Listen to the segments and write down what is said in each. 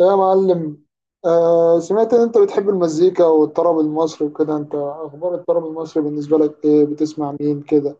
إيه يا معلم؟ آه، سمعت ان انت بتحب المزيكا والطرب المصري وكده. انت اخبار الطرب المصري بالنسبه لك ايه؟ بتسمع مين كده؟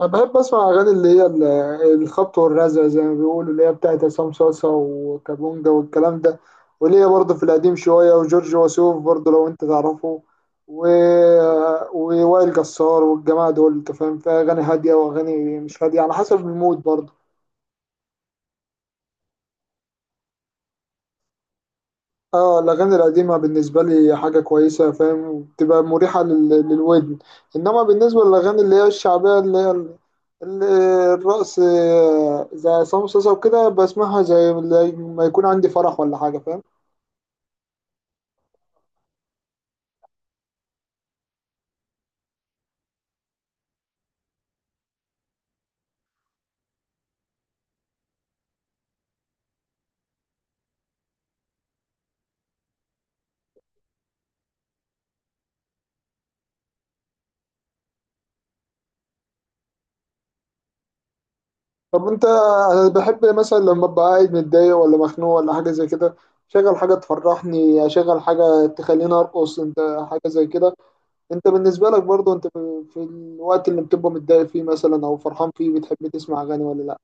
انا بحب اسمع اغاني اللي هي الخبط والرزع زي ما بيقولوا، اللي هي بتاعت عصام صاصا وكابونجا والكلام ده، واللي هي برضه في القديم شويه، وجورج وسوف برضه لو انت تعرفه، و... ووائل جسار والجماعه دول. انت فاهم، فيها اغاني هاديه واغاني مش هاديه على حسب المود برضه. اه، الأغاني القديمة بالنسبة لي حاجة كويسة، فاهم، وبتبقى مريحة للودن. إنما بالنسبة للأغاني اللي هي الشعبية، اللي هي ال- الرقص، آه، زي عصام صاصا وكده، بسمعها زي ما يكون عندي فرح ولا حاجة، فاهم. طب أنت، أنا بحب مثلا لما أبقى قاعد متضايق ولا مخنوق ولا حاجة زي كده، شغل حاجة تفرحني، أشغل حاجة تخليني أرقص، أنت حاجة زي كده. أنت بالنسبة لك برضو، أنت في الوقت اللي بتبقى متضايق فيه مثلا أو فرحان فيه، بتحب تسمع أغاني ولا لأ؟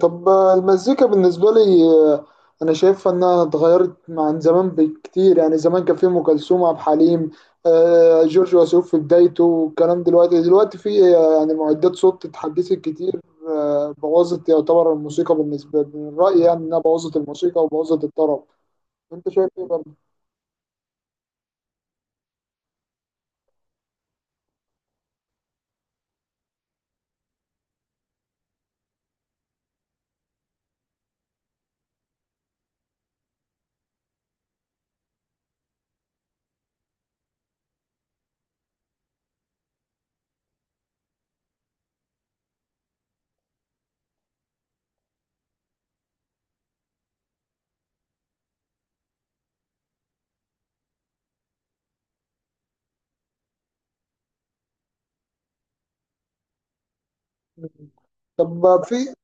طب المزيكا بالنسبة لي آه، أنا شايفها إنها اتغيرت عن زمان بكتير. يعني زمان كان في أم كلثوم، عبد الحليم، آه، جورج وسوف في بدايته والكلام. دلوقتي في آه، يعني معدات صوت اتحدثت كتير، آه، بوظت. يعتبر الموسيقى بالنسبة لي من رأيي يعني إنها بوظت الموسيقى وبوظت الطرب. أنت شايف إيه برضه؟ طب في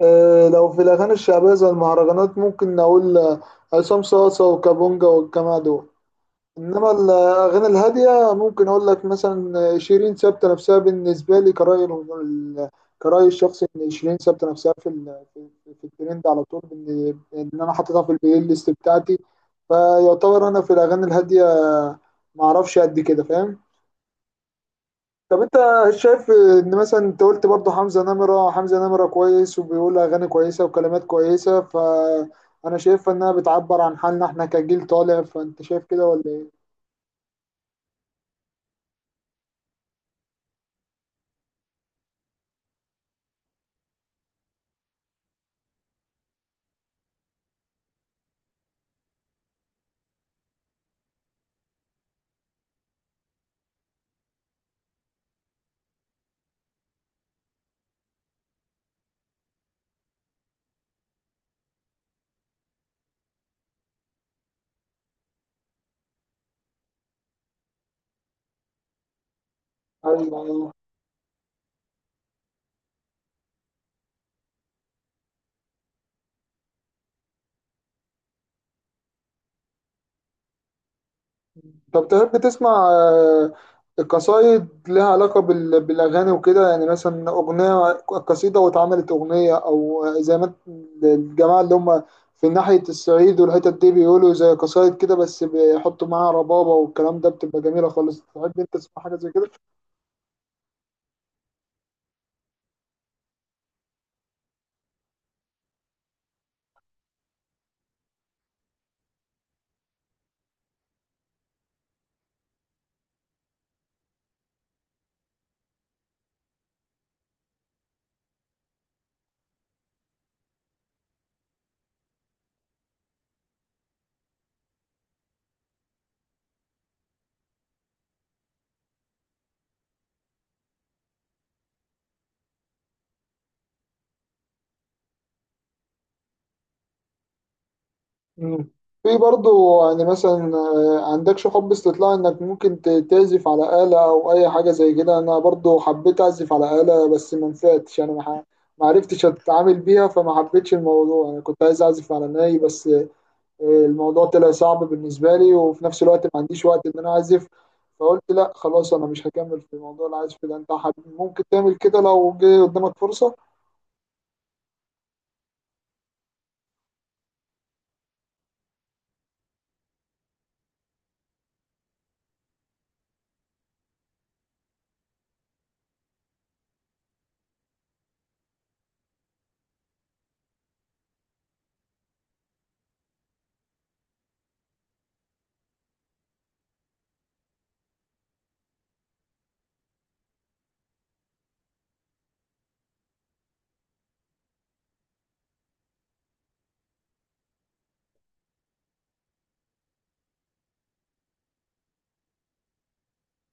آه، لو في الأغاني الشعبية زي المهرجانات ممكن نقول آه، عصام صاصة وكابونجا والجماعة دول. انما الاغاني الهاديه ممكن اقول لك مثلا شيرين ثابته نفسها بالنسبه لي. كرايي الشخصي ان شيرين ثابته نفسها في ال- في في- في الترند على طول، ان إن انا حاططها في البلاي ليست بتاعتي. فيعتبر انا في الاغاني الهاديه ما اعرفش قد كده، فاهم. طب انت شايف ان مثلا انت قلت برضه حمزه نمره، حمزه نمره كويس وبيقول اغاني كويسه وكلمات كويسه، فانا شايف انها بتعبر عن حالنا احنا كجيل طالع. فانت شايف كده ولا ايه؟ أيوة. طب تحب تسمع آه، قصايد لها علاقة بالأغاني وكده؟ يعني مثلا أغنية، قصيدة واتعملت أغنية، أو زي ما الجماعة اللي هم في ناحية الصعيد والحتت دي بيقولوا، زي قصايد كده بس بيحطوا معاها ربابة والكلام ده، بتبقى جميلة خالص. تحب أنت تسمع حاجة زي كده؟ مم. في برضو، يعني مثلا آه، عندكش حب استطلاع انك ممكن تعزف على آلة او اي حاجة زي كده؟ انا برضو حبيت اعزف على آلة بس ما نفعتش، انا ما عرفتش اتعامل بيها فما حبيتش الموضوع. انا كنت عايز اعزف على ناي بس آه، الموضوع طلع صعب بالنسبة لي، وفي نفس الوقت ما عنديش وقت ان انا اعزف. فقلت لا خلاص، انا مش هكمل في موضوع العزف ده. انت ممكن تعمل كده لو جه قدامك فرصة؟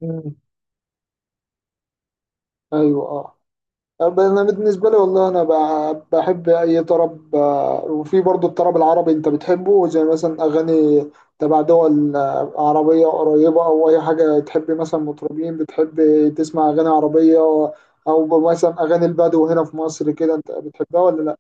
مم. ايوه، اه. أما انا بالنسبه لي والله انا بحب اي طرب آه، وفي برضو الطرب العربي. انت بتحبه زي مثلا اغاني تبع دول، آه، عربيه قريبه او اي حاجه؟ تحب مثلا مطربين، بتحب تسمع اغاني عربيه، او مثلا اغاني البدو هنا في مصر كده، انت بتحبها ولا لا؟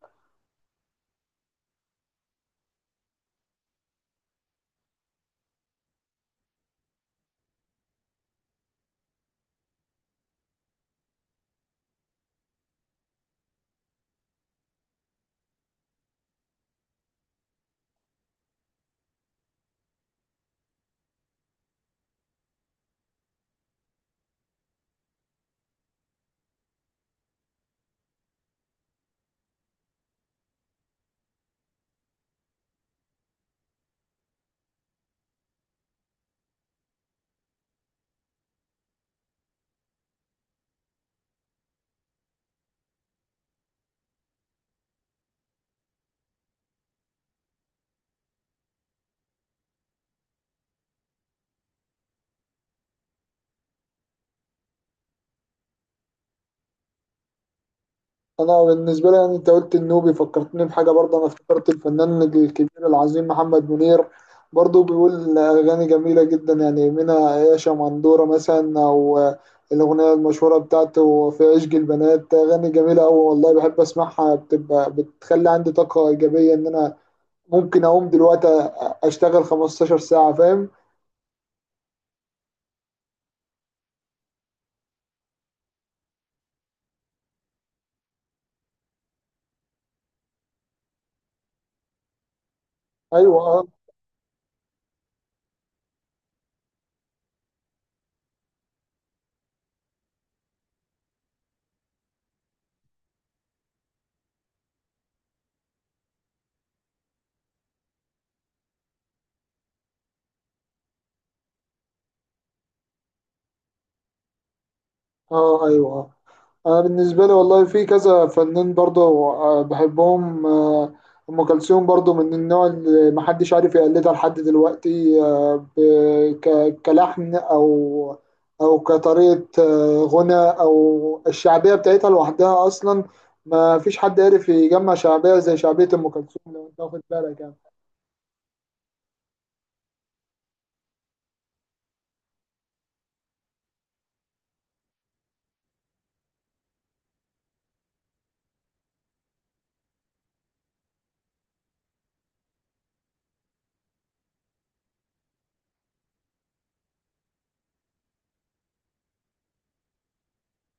انا بالنسبه لي يعني انت قلت النوبي، فكرتني بحاجه برضه. انا افتكرت الفنان الكبير العظيم محمد منير، برضه بيقول اغاني جميله جدا، يعني منها يا شمندوره مثلا، او الاغنيه المشهوره بتاعته في عشق البنات. اغاني جميله قوي والله، بحب اسمعها، بتبقى بتخلي عندي طاقه ايجابيه ان انا ممكن اقوم دلوقتي اشتغل 15 ساعه، فاهم. ايوه، اه. آه، ايوه، آه. انا بالنسبه لي والله في كذا فنان برضه آه، بحبهم آه، ام كلثوم برضه من النوع اللي محدش عارف يقلدها لحد دلوقتي، آه، كلحن او او كطريقه، آه، غنى، او الشعبيه بتاعتها لوحدها اصلا. ما فيش حد عارف يجمع شعبيه زي شعبيه ام كلثوم لو انت واخد بالك يعني.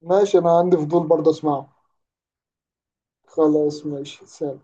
ماشي، انا عندي فضول برضه اسمعه. خلاص ماشي، سلام.